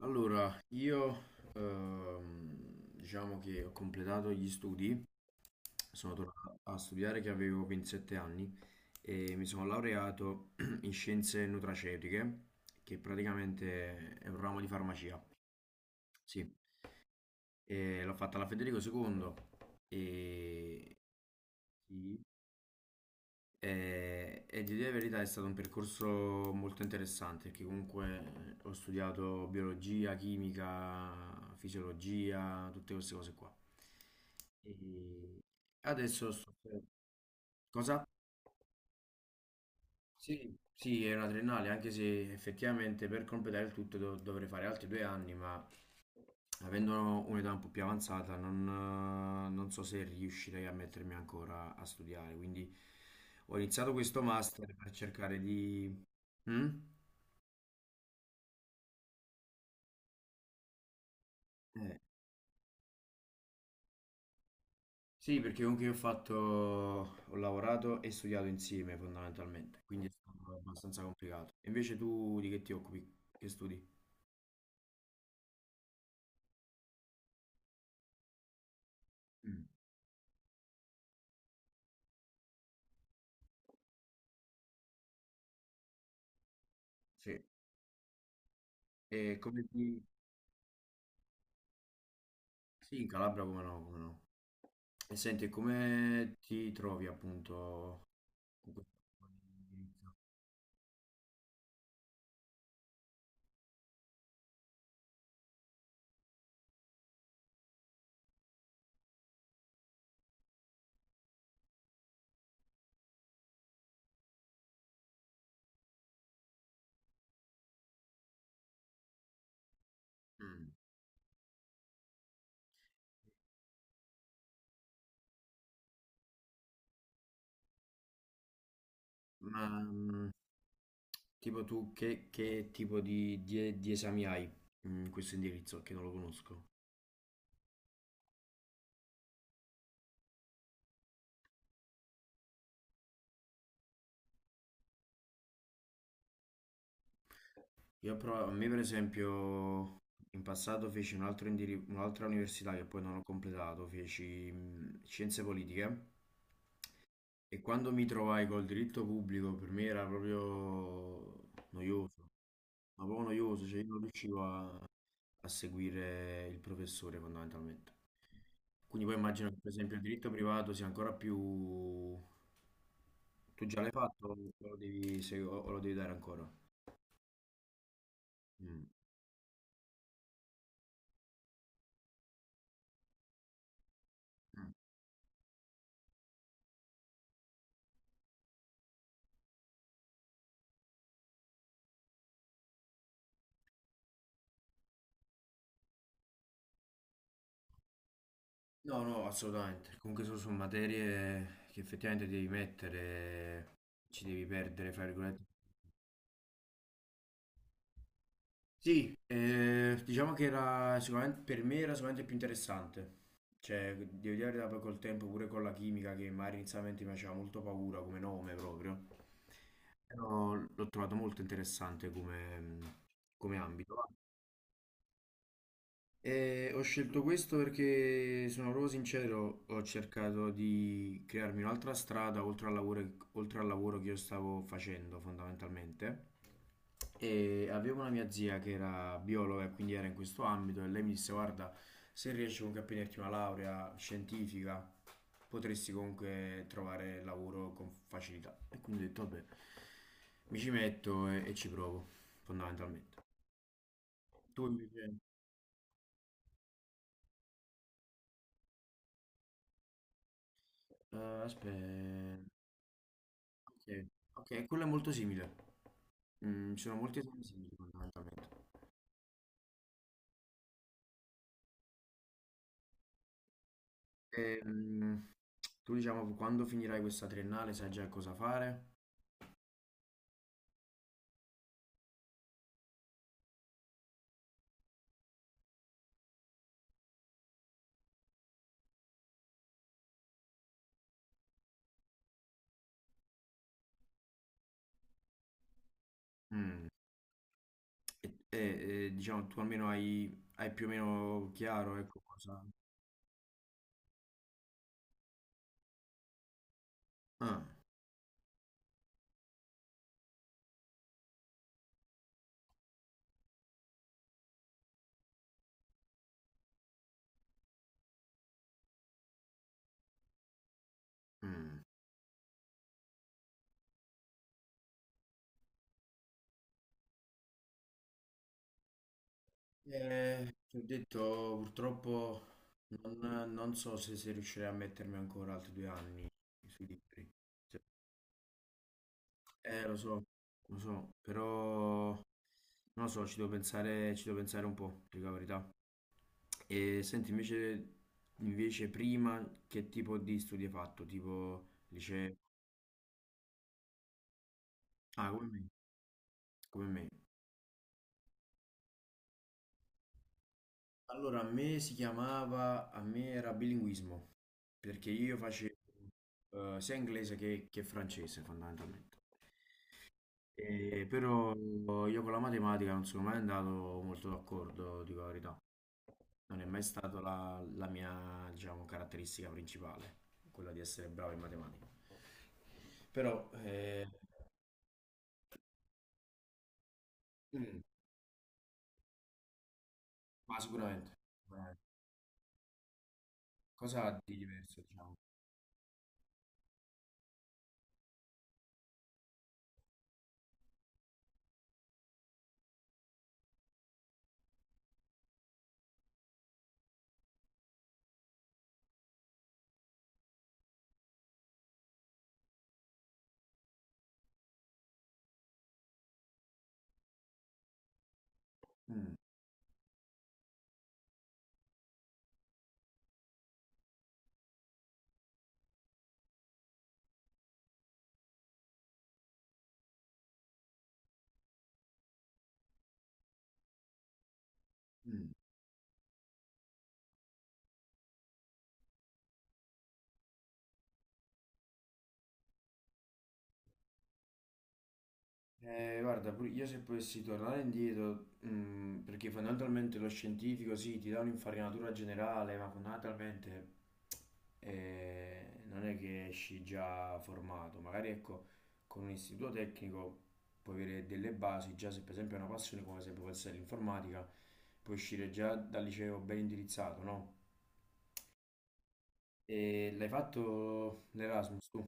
Allora, io diciamo che ho completato gli studi, sono tornato a studiare che avevo 27 anni e mi sono laureato in scienze nutraceutiche, che praticamente è un ramo di farmacia. Sì. E l'ho fatta alla Federico II e sì. E di dire la verità è stato un percorso molto interessante perché comunque ho studiato biologia, chimica, fisiologia, tutte queste cose qua. E adesso sto. Cosa? Sì, sì, è una triennale, anche se effettivamente per completare il tutto dovrei fare altri 2 anni, ma avendo un'età un po' più avanzata, non so se riuscirei a mettermi ancora a studiare. Quindi ho iniziato questo master per cercare di. Mm? Eh, sì, perché comunque io ho fatto, ho lavorato e studiato insieme fondamentalmente, quindi è stato abbastanza complicato. Invece tu di che ti occupi? Che studi? Mm. Sì, e come ti. Sì, in Calabria come no, come no. E senti, come ti trovi appunto con questo tipo di indirizzo? Ma tipo tu che tipo di esami hai in questo indirizzo che non lo conosco? Io però, a me per esempio in passato feci un'altra università che poi non ho completato, feci scienze politiche e quando mi trovai col diritto pubblico per me era proprio noioso, ma proprio noioso, cioè io non riuscivo a seguire il professore fondamentalmente. Quindi poi immagino che per esempio il diritto privato sia ancora più. Tu già l'hai fatto o lo devi dare ancora? Mm. Mm. No, no, assolutamente. Comunque sono materie che effettivamente devi mettere, ci devi perdere, fra virgolette. Sì, diciamo che era sicuramente, per me era sicuramente più interessante. Cioè, devo dire la verità, poi col tempo, pure con la chimica, che magari inizialmente mi faceva molto paura come nome proprio. Però l'ho trovato molto interessante come ambito. E ho scelto questo perché sono proprio sincero, ho cercato di crearmi un'altra strada oltre al lavoro che io stavo facendo fondamentalmente. E avevo una mia zia che era biologa e quindi era in questo ambito e lei mi disse: Guarda, se riesci comunque a prenderti una laurea scientifica, potresti comunque trovare lavoro con facilità. E quindi ho detto: Vabbè, mi ci metto e ci provo, fondamentalmente. Tu invece. Eh, aspetta. Ok, ok, quello è molto simile. Ci sono molti esami simili fondamentalmente. Ehm, Tu diciamo quando finirai questa triennale sai già cosa fare? Mm, e, diciamo tu almeno hai più o meno chiaro ecco cosa. Ah, mm. Ti ho detto purtroppo non so se riuscirei a mettermi ancora altri 2 anni sui libri. Se- Eh, lo so, lo so, però. Non lo so, ci devo pensare un po', dico la verità. E senti, invece prima che tipo di studi hai fatto? Tipo liceo? Ah, come me. Come me. Allora, a me era bilinguismo, perché io facevo sia inglese che francese fondamentalmente. Però io con la matematica non sono mai andato molto d'accordo, dico la verità. Non è mai stata la mia, diciamo, caratteristica principale, quella di essere bravo in matematica. Però, mm, ma sicuramente, sicuramente. Cosa ha di diverso, diciamo? Mm, mm. Guarda, io se potessi tornare indietro, perché fondamentalmente lo scientifico sì, ti dà un'infarinatura generale, ma fondamentalmente non è che esci già formato. Magari ecco, con un istituto tecnico puoi avere delle basi, già se per esempio è una passione come se può essere l'informatica, puoi uscire già dal liceo ben indirizzato, no? E l'hai fatto l'Erasmus tu?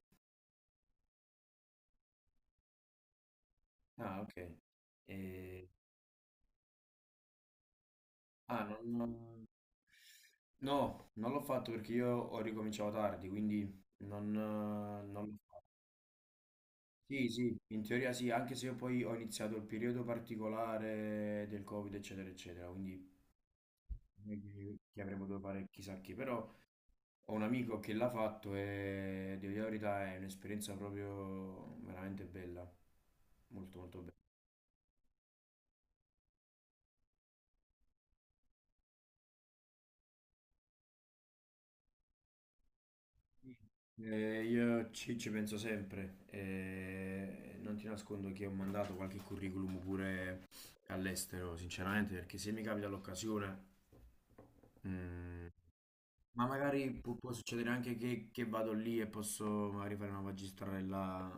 Ah, ok. E- Ah, non. No, non l'ho fatto perché io ho ricominciato tardi, quindi non, eh, non l'ho fatto. Sì, sì, in teoria sì, anche se io poi ho iniziato il periodo particolare del Covid, eccetera, eccetera, quindi non è che avrei potuto fare chissà che, però ho un amico che l'ha fatto e devo dire la verità è un'esperienza proprio veramente bella, molto molto bella. Io ci penso sempre, non ti nascondo che ho mandato qualche curriculum pure all'estero, sinceramente, perché se mi capita l'occasione, mm, ma magari può succedere anche che vado lì e posso magari fare una magistrella,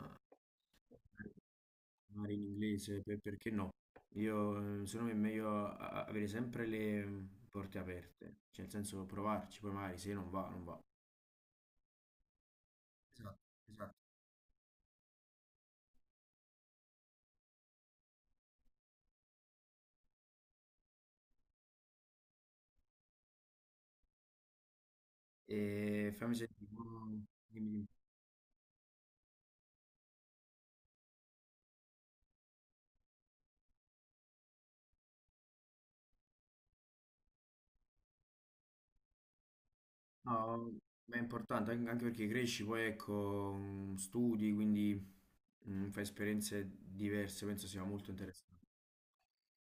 magari in inglese, perché no? Io, secondo me è meglio avere sempre le porte aperte, cioè nel senso provarci, poi magari se non va, non va. Esatto, esatto. E fammi sentire, no, dimmi, dimmi. No, ma è importante anche perché cresci, poi ecco, studi, quindi fai esperienze diverse, penso sia molto interessante.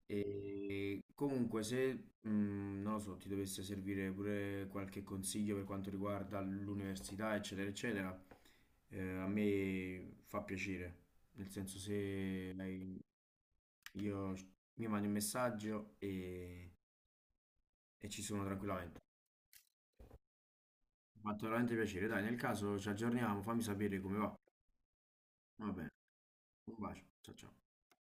E comunque se, non lo so, ti dovesse servire pure qualche consiglio per quanto riguarda l'università, eccetera, eccetera, a me fa piacere, nel senso se hai- io mi mandi un messaggio e ci sono tranquillamente. Mi ha fatto veramente piacere. Dai, nel caso ci aggiorniamo, fammi sapere come va. Va bene. Un bacio. Ciao ciao.